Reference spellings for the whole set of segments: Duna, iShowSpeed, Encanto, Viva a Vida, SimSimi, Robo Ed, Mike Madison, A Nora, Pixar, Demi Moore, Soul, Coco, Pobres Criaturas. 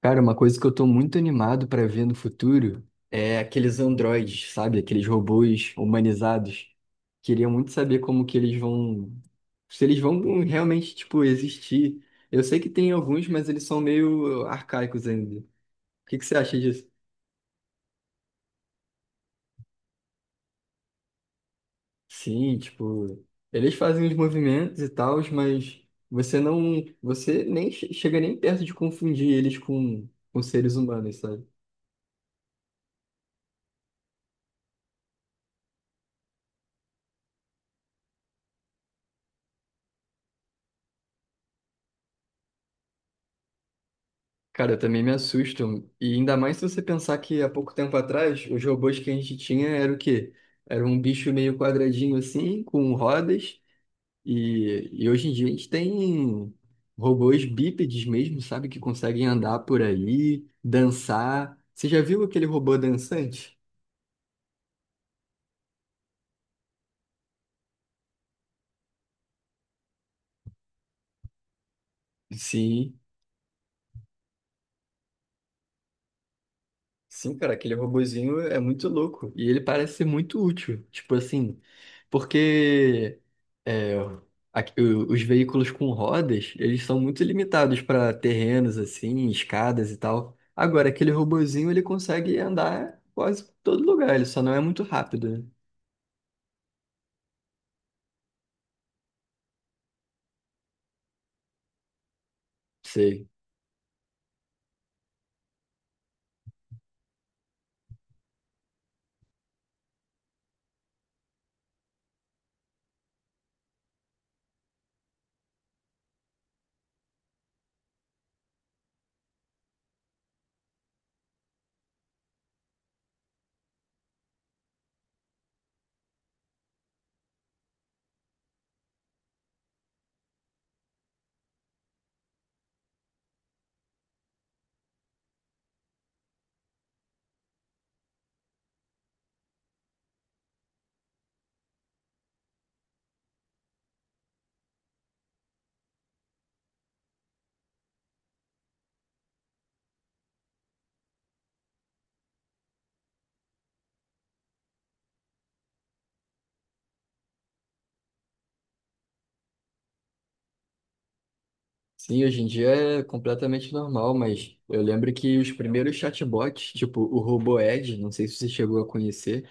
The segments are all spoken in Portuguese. Cara, uma coisa que eu tô muito animado pra ver no futuro é aqueles androides, sabe? Aqueles robôs humanizados. Queria muito saber como que eles vão, se eles vão realmente, tipo, existir. Eu sei que tem alguns, mas eles são meio arcaicos ainda. O que que você acha disso? Sim, tipo, eles fazem os movimentos e tal, mas você nem chega nem perto de confundir eles com seres humanos, sabe? Cara, eu também me assusto. E ainda mais se você pensar que há pouco tempo atrás, os robôs que a gente tinha era o quê? Era um bicho meio quadradinho assim, com rodas. E hoje em dia a gente tem robôs bípedes mesmo, sabe? Que conseguem andar por aí, dançar. Você já viu aquele robô dançante? Sim, sim, cara, aquele robozinho é muito louco. E ele parece ser muito útil. Tipo assim, porque é, os veículos com rodas, eles são muito limitados para terrenos, assim, escadas e tal. Agora, aquele robozinho, ele consegue andar quase por todo lugar. Ele só não é muito rápido, né? Sei. Sim, hoje em dia é completamente normal, mas eu lembro que os primeiros chatbots, tipo o Robo Ed, não sei se você chegou a conhecer.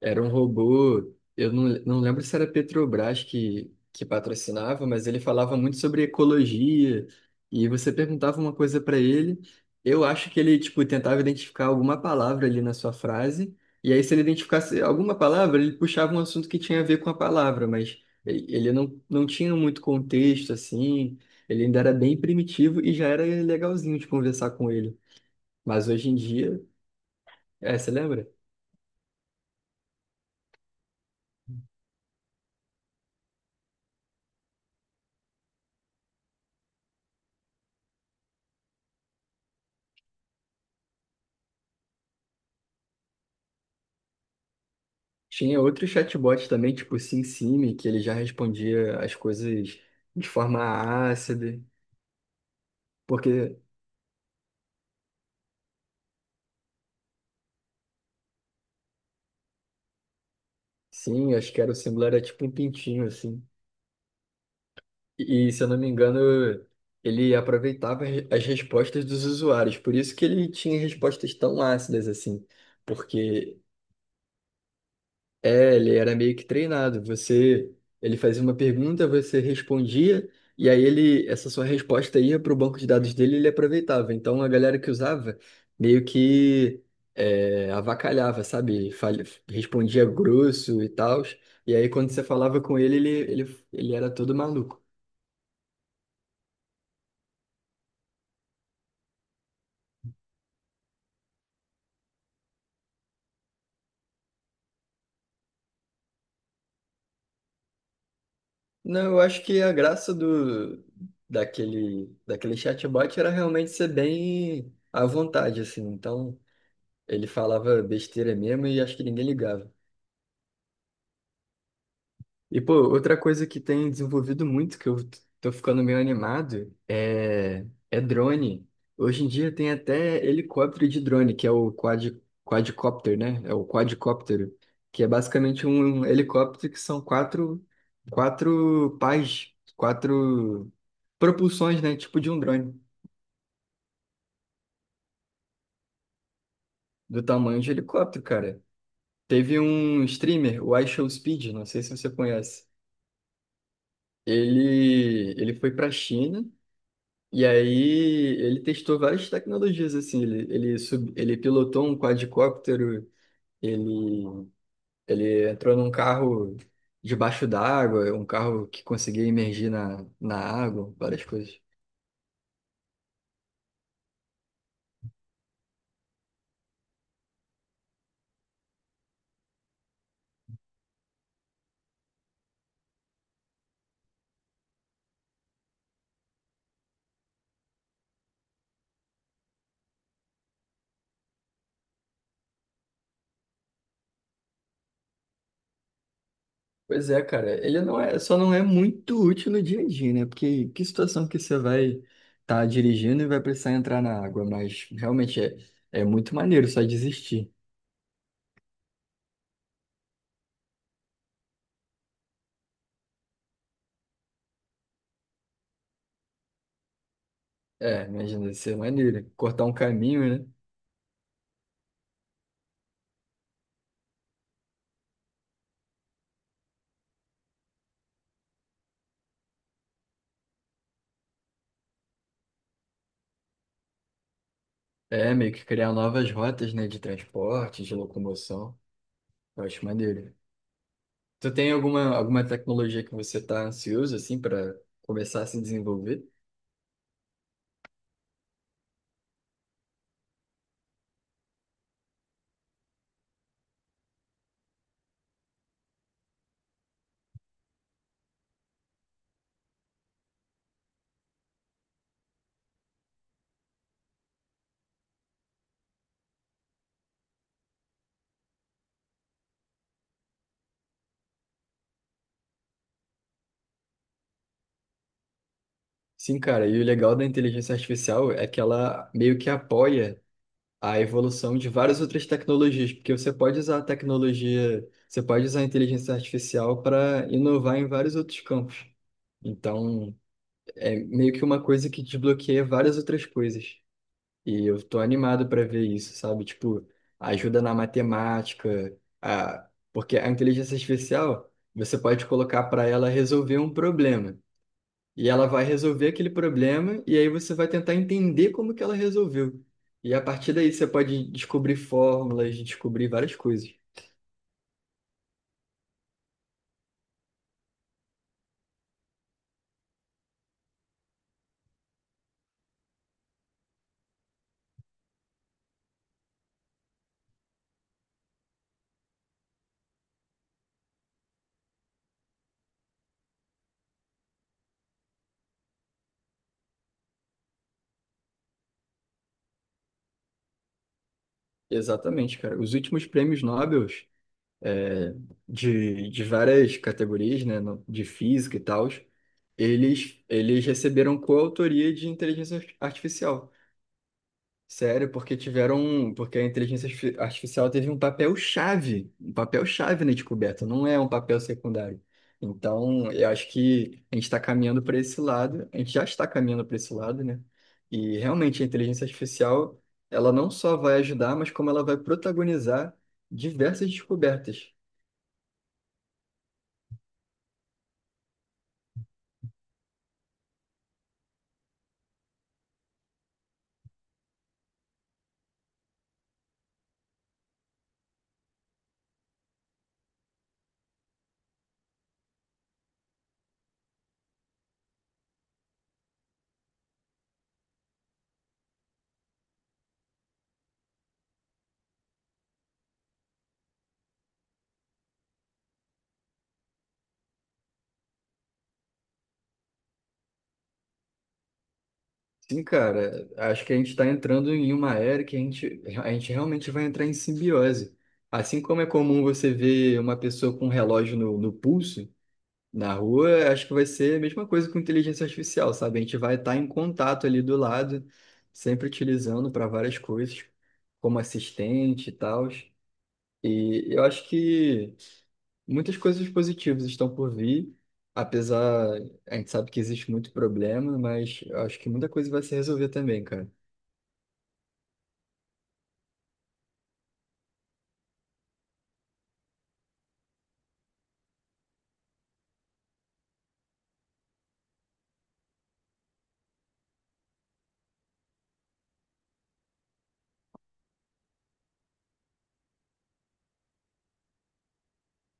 Era um robô, eu não lembro se era Petrobras que patrocinava, mas ele falava muito sobre ecologia, e você perguntava uma coisa para ele. Eu acho que ele, tipo, tentava identificar alguma palavra ali na sua frase, e aí se ele identificasse alguma palavra, ele puxava um assunto que tinha a ver com a palavra, mas ele não tinha muito contexto, assim, ele ainda era bem primitivo e já era legalzinho de conversar com ele. Mas hoje em dia, é, você lembra? Tinha outro chatbot também, tipo o SimSimi, que ele já respondia as coisas de forma ácida. Porque, sim, acho que era o símbolo era tipo um pintinho, assim. Se eu não me engano, ele aproveitava as respostas dos usuários. Por isso que ele tinha respostas tão ácidas, assim. Porque é, ele era meio que treinado. Você, ele fazia uma pergunta, você respondia, e aí essa sua resposta ia para o banco de dados dele, e ele aproveitava. Então a galera que usava meio que é, avacalhava, sabe? Respondia grosso e tal. E aí quando você falava com ele, ele era todo maluco. Não, eu acho que a graça do daquele chatbot era realmente ser bem à vontade, assim. Então ele falava besteira mesmo e acho que ninguém ligava. E, pô, outra coisa que tem desenvolvido muito, que eu tô ficando meio animado, é, é drone. Hoje em dia tem até helicóptero de drone, que é o quad... quadcopter, né? É o quadcóptero, que é basicamente um helicóptero que são quatro, quatro pás, quatro propulsões, né? Tipo de um drone, do tamanho de helicóptero, cara. Teve um streamer, o iShowSpeed, não sei se você conhece. Ele foi para a China e aí ele testou várias tecnologias assim. Ele pilotou um quadricóptero, ele, ele entrou num carro debaixo d'água, um carro que conseguia imergir na água, várias coisas. Pois é, cara, ele não é, só não é muito útil no dia a dia, né? Porque que situação que você vai estar dirigindo e vai precisar entrar na água, mas realmente é, é muito maneiro só desistir. É, imagina, deve ser maneiro. Cortar um caminho, né? É, meio que criar novas rotas, né, de transporte, de locomoção. Eu acho maneiro. Tu tem alguma tecnologia que você tá ansioso, assim, para começar a se desenvolver? Sim, cara, e o legal da inteligência artificial é que ela meio que apoia a evolução de várias outras tecnologias, porque você pode usar a inteligência artificial para inovar em vários outros campos. Então, é meio que uma coisa que desbloqueia várias outras coisas. E eu tô animado para ver isso, sabe? Tipo, ajuda na matemática, a... porque a inteligência artificial, você pode colocar para ela resolver um problema. E ela vai resolver aquele problema, e aí você vai tentar entender como que ela resolveu. E a partir daí você pode descobrir fórmulas, descobrir várias coisas. Exatamente, cara. Os últimos prêmios Nobel de várias categorias, né, de física e tal, eles receberam coautoria de inteligência artificial. Sério, porque tiveram, porque a inteligência artificial teve um papel chave na descoberta, não é um papel secundário. Então, eu acho que a gente está caminhando para esse lado, a gente já está caminhando para esse lado, né? E realmente a inteligência artificial, ela não só vai ajudar, mas como ela vai protagonizar diversas descobertas. Sim, cara, acho que a gente está entrando em uma era que a gente realmente vai entrar em simbiose. Assim como é comum você ver uma pessoa com um relógio no pulso, na rua, acho que vai ser a mesma coisa com inteligência artificial, sabe? A gente vai estar em contato ali do lado, sempre utilizando para várias coisas, como assistente e tal. E eu acho que muitas coisas positivas estão por vir, apesar, a gente sabe que existe muito problema, mas eu acho que muita coisa vai se resolver também, cara.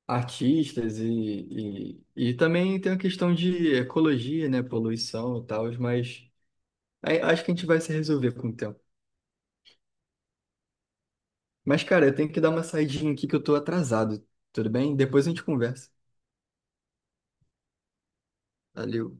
Artistas e também tem a questão de ecologia, né, poluição e tal, mas aí acho que a gente vai se resolver com o tempo. Mas, cara, eu tenho que dar uma saidinha aqui que eu tô atrasado, tudo bem? Depois a gente conversa. Valeu.